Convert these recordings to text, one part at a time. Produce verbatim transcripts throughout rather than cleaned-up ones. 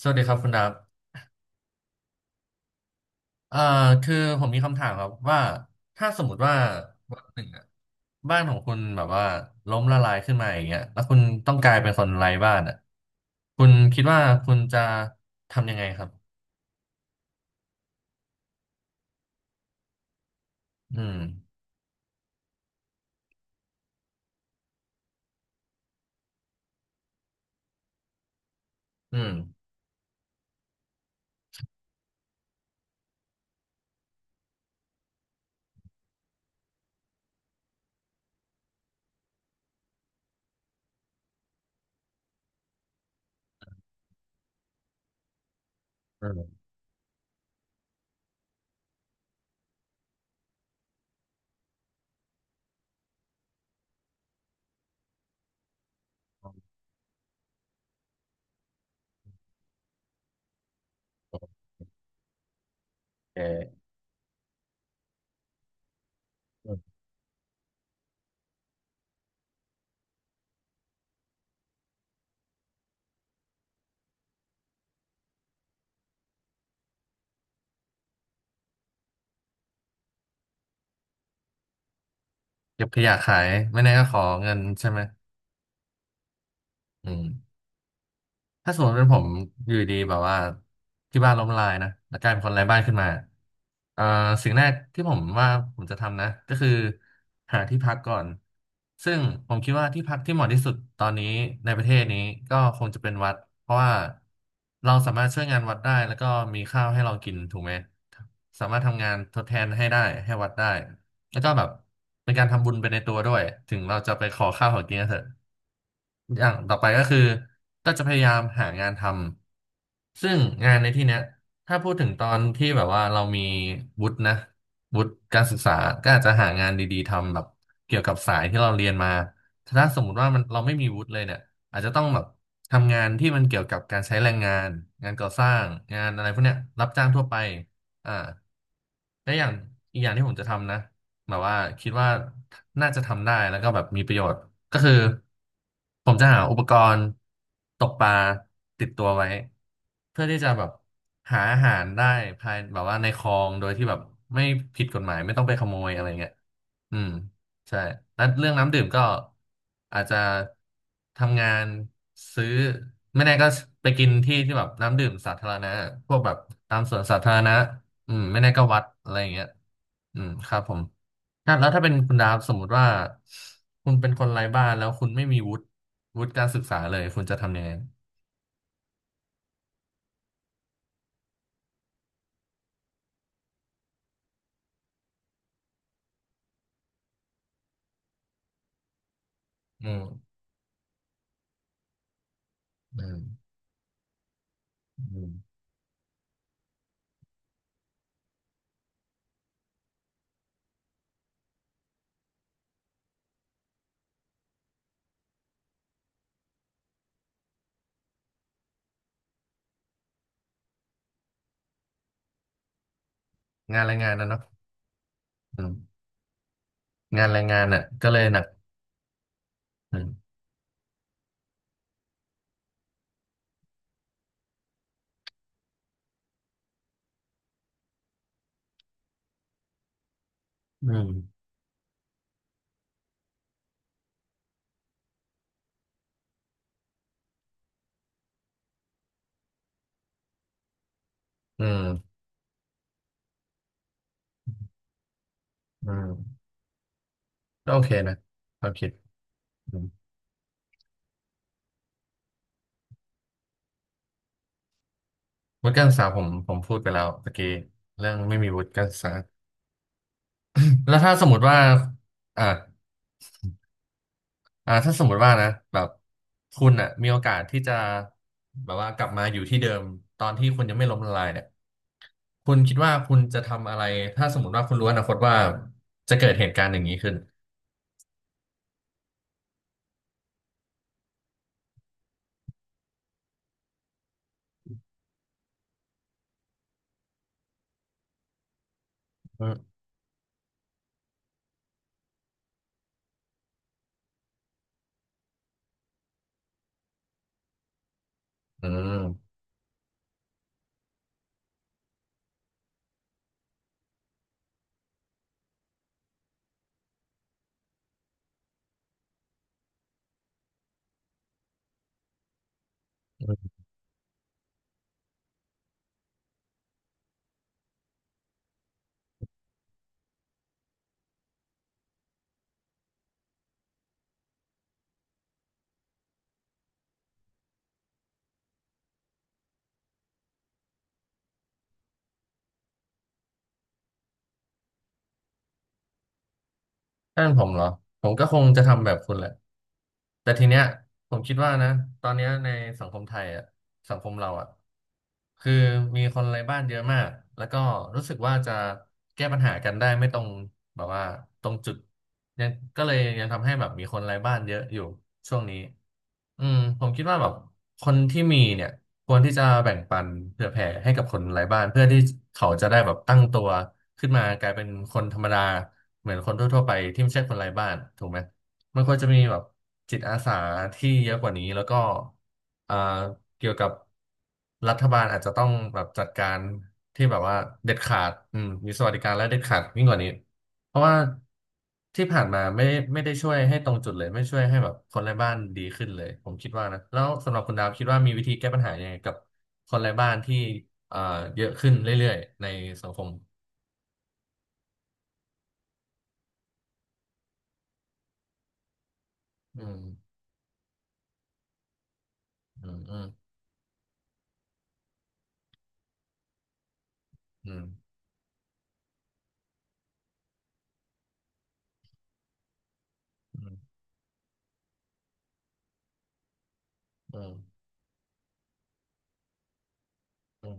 สวัสดีครับคุณดับเอ่อคือผมมีคำถามครับว่าถ้าสมมติว่าวันหนึ่งอะบ้านของคุณแบบว่าล้มละลายขึ้นมาอย่างเงี้ยแล้วคุณต้องกลายเป็นคนไร้บ้านอ่ะคุณคิดว่าคุณจะทำยังไงครับอืมอืมอืมโอเคอืมเก็บขยะขายไม่แน่ก็ขอเงินใช่ไหมอืม ถ้าสมมติเป็นผมอยู่ดีแบบว่าที่บ้านล้มละลายนะแล้วกลายเป็นคนไร้บ้านขึ้นมาเอ่อสิ่งแรกที่ผมว่าผมจะทำนะก็คือหาที่พักก่อนซึ่งผมคิดว่าที่พักที่เหมาะที่สุดตอนนี้ในประเทศนี้ก็คงจะเป็นวัดเพราะว่าเราสามารถช่วยงานวัดได้แล้วก็มีข้าวให้เรากินถูกไหมสามารถทำงานทดแทนให้ได้ให้วัดได้แล้วก็แบบเป็นการทำบุญไปในตัวด้วยถึงเราจะไปขอข้าวขอกินก็เถอะ อย่างต่อไปก็คือก็จะพยายามหางานทำซึ่งงานในที่เนี้ยถ้าพูดถึงตอนที่แบบว่าเรามีวุฒินะวุฒิการศึกษาก็อาจจะหางานดีๆทำแบบเกี่ยวกับสายที่เราเรียนมาถ้าสมมุติว่ามันเราไม่มีวุฒิเลยเนี่ยอาจจะต้องแบบทำงานที่มันเกี่ยวกับการใช้แรงงานงานก่อสร้างงานอะไรพวกเนี้ยรับจ้างทั่วไปอ่าและอย่างอีกอย่างที่ผมจะทำนะ แบบว่าคิดว่าน่าจะทำได้แล้วก็แบบมีประโยชน์ก็คือผมจะหาอุปกรณ์ตกปลาติดตัวไว้เพื่อที่จะแบบหาอาหารได้ภายแบบว่าในคลองโดยที่แบบไม่ผิดกฎหมายไม่ต้องไปขโมยอะไรเงี้ยอืมใช่แล้วเรื่องน้ำดื่มก็อาจจะทำงานซื้อไม่แน่ก็ไปกินที่ที่แบบน้ำดื่มสาธารณะพวกแบบตามสวนสาธารณะอืมไม่แน่ก็วัดอะไรอย่างเงี้ยอืมครับผม ถ้าแล้วถ้าเป็นคุณดาฟสมมุติว่าคุณเป็นคนไร้บ้านแล้วคุณไม่มีวุฒิวุฒิการศึกษาเลยคุณจะทำยังไงอืมอืมอืมงานแรงงานนะเนาะอืมงานแรงงานน่ะก็เลยหนักอืมอืมอืมอืมก็โอเคนะความคิดอืมวุฒิการศึกษาผมผมพูดไปแล้วตะกี้เรื่องไม่มีวุฒิการศึกษา แล้วถ้าสมมติว่าอ่าอ่าถ้าสมมติว่านะแบบคุณอ่ะมีโอกาสที่จะแบบว่ากลับมาอยู่ที่เดิมตอนที่คุณยังไม่ล้มละลายเนี่ย คุณคิดว่าคุณจะทำอะไรถ้าสมมติว่าคุณรู้อนาคตว่าจะเกิดเหตุการณ์อย่างนี้ขึ้นอืมอืมถ้าเป็นผมเหรอผมก็คงจะทำแบบคุณแหละ แต่ทีเนี้ยผมคิดว่านะตอนเนี้ยในสังคมไทยอ่ะสังคมเราอ่ะคือมีคนไร้บ้านเยอะมากแล้วก็รู้สึกว่าจะแก้ปัญหากันได้ไม่ตรงแบบว่าตรงจุดยังก็เลยยังทำให้แบบมีคนไร้บ้านเยอะอยู่ช่วงนี้อืมผมคิดว่าแบบคนที่มีเนี่ยควรที่จะแบ่งปันเผื่อแผ่ให้กับคนไร้บ้านเพื่อที่เขาจะได้แบบตั้งตัวขึ้นมากลายเป็นคนธรรมดาเหมือนคนทั่วๆไปที่ไม่ใช่คนไร้บ้านถูกไหม มันควรจะมีแบบจิตอาสาที่เยอะกว่านี้แล้วก็อ่าเกี่ยวกับรัฐบาลอาจจะต้องแบบจัดการที่แบบว่าเด็ดขาดอืมมีสวัสดิการและเด็ดขาดยิ่งกว่านี้เพราะว่าที่ผ่านมาไม่ไม่ได้ช่วยให้ตรงจุดเลยไม่ช่วยให้แบบคนไร้บ้านดีขึ้นเลยผมคิดว่านะแล้วสำหรับคุณดาวคิดว่ามีวิธีแก้ปัญหายังไงกับคนไร้บ้านที่อ่าเยอะขึ้นเรื่อยๆในสังคมอืมอืมอืมอืมอืมอืมอืม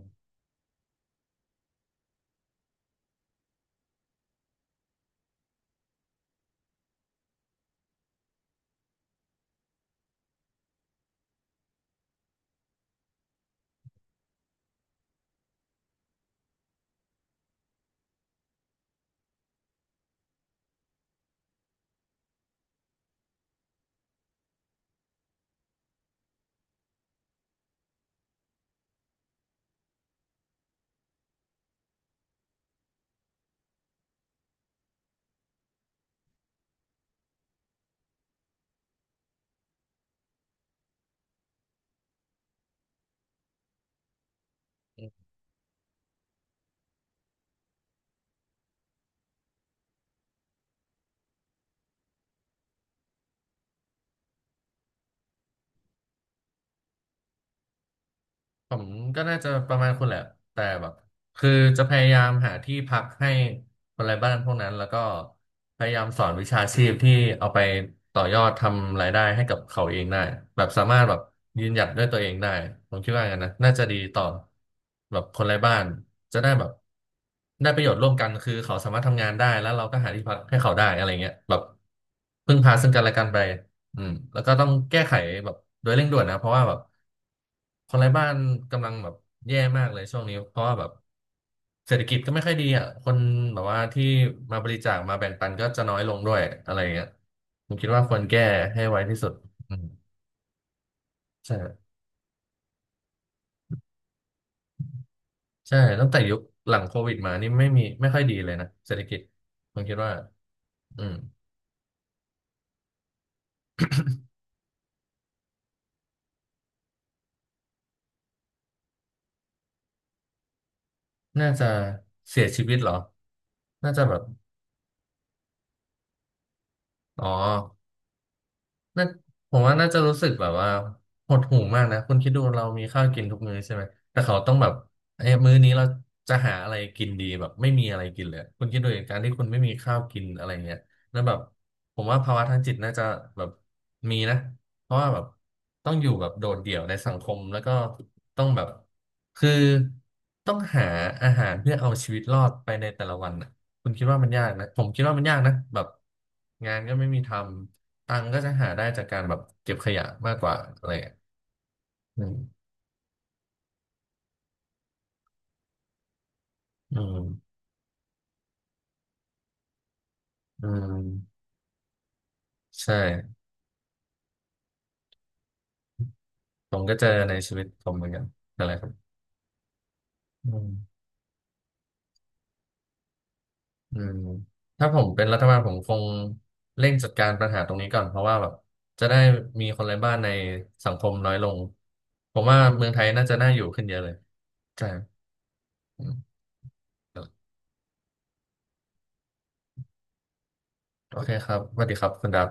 ผมก็น่าจะประมาณคุณแหละแต่แบบคือจะพยายามหาที่พักให้คนไร้บ้านพวกนั้นแล้วก็พยายามสอนวิชาชีพที่เอาไปต่อยอดทำรายได้ให้กับเขาเองได้แบบสามารถแบบยืนหยัดด้วยตัวเองได้ผมคิดว่างั้นนะน่าจะดีต่อแบบคนไร้บ้านจะได้แบบได้ประโยชน์ร่วมกันคือเขาสามารถทำงานได้แล้วเราก็หาที่พักให้เขาได้อะไรเงี้ยแบบพึ่งพาซึ่งกันและกันไปอืมแล้วก็ต้องแก้ไขแบบโดยเร่งด่วนนะเพราะว่าแบบ คนไร้บ้านกำลังแบบแย่มากเลยช่วงนี้เพราะว่าแบบเศรษฐกิจก็ไม่ค่อยดีอ่ะคนแบบว่าที่มาบริจาคมาแบ่งปันก็จะน้อยลงด้วยอะไรอย่างเงี้ยผมคิดว่าควรแก้ให้ไวที่สุดอืมใช่ใช่ตั้งแต่ยุคหลังโควิดมานี่ไม่มีไม่ค่อยดีเลยนะเศรษฐกิจผมคิดว่าอืมน่าจะเสียชีวิตเหรอน่าจะแบบอ๋อ น่าผมว่าน่าจะรู้สึกแบบว่าหดหู่มากนะคุณคิดดูเรามีข้าวกินทุกมื้อใช่ไหมแต่เขาต้องแบบเอ้ยมื้อนี้เราจะหาอะไรกินดีแบบไม่มีอะไรกินเลยคุณคิดดูเหตุการณ์ที่คุณไม่มีข้าวกินอะไรเงี้ยแล้วแบบผมว่าภาวะทางจิตน่าจะแบบมีนะเพราะว่าแบบต้องอยู่แบบโดดเดี่ยวในสังคมแล้วก็ต้องแบบคือต้องหาอาหารเพื่อเอาชีวิตรอดไปในแต่ละวันนะคุณคิดว่ามันยากนะผมคิดว่ามันยากนะแบบงานก็ไม่มีทำ ตังค์ก็จะหาได้จากการแบบเก็บขยะมากกว่าอะไรอย่างเงี้ยอืมอืมอืมใช่ ผมก็เจอในชีวิตผมเหมือนกันอะไรครับอืมอืมถ้าผมเป็นรัฐบาลผมคงเร่งจัดการปัญหาตรงนี้ก่อนเพราะว่าแบบจะได้มีคนไร้บ้านในสังคมน้อยลง ผมว่าเมืองไทยน่าจะน่าอยู่ขึ้นเยอะเลยใช่อืมโอเคครับสวัสดีครับคุณดับ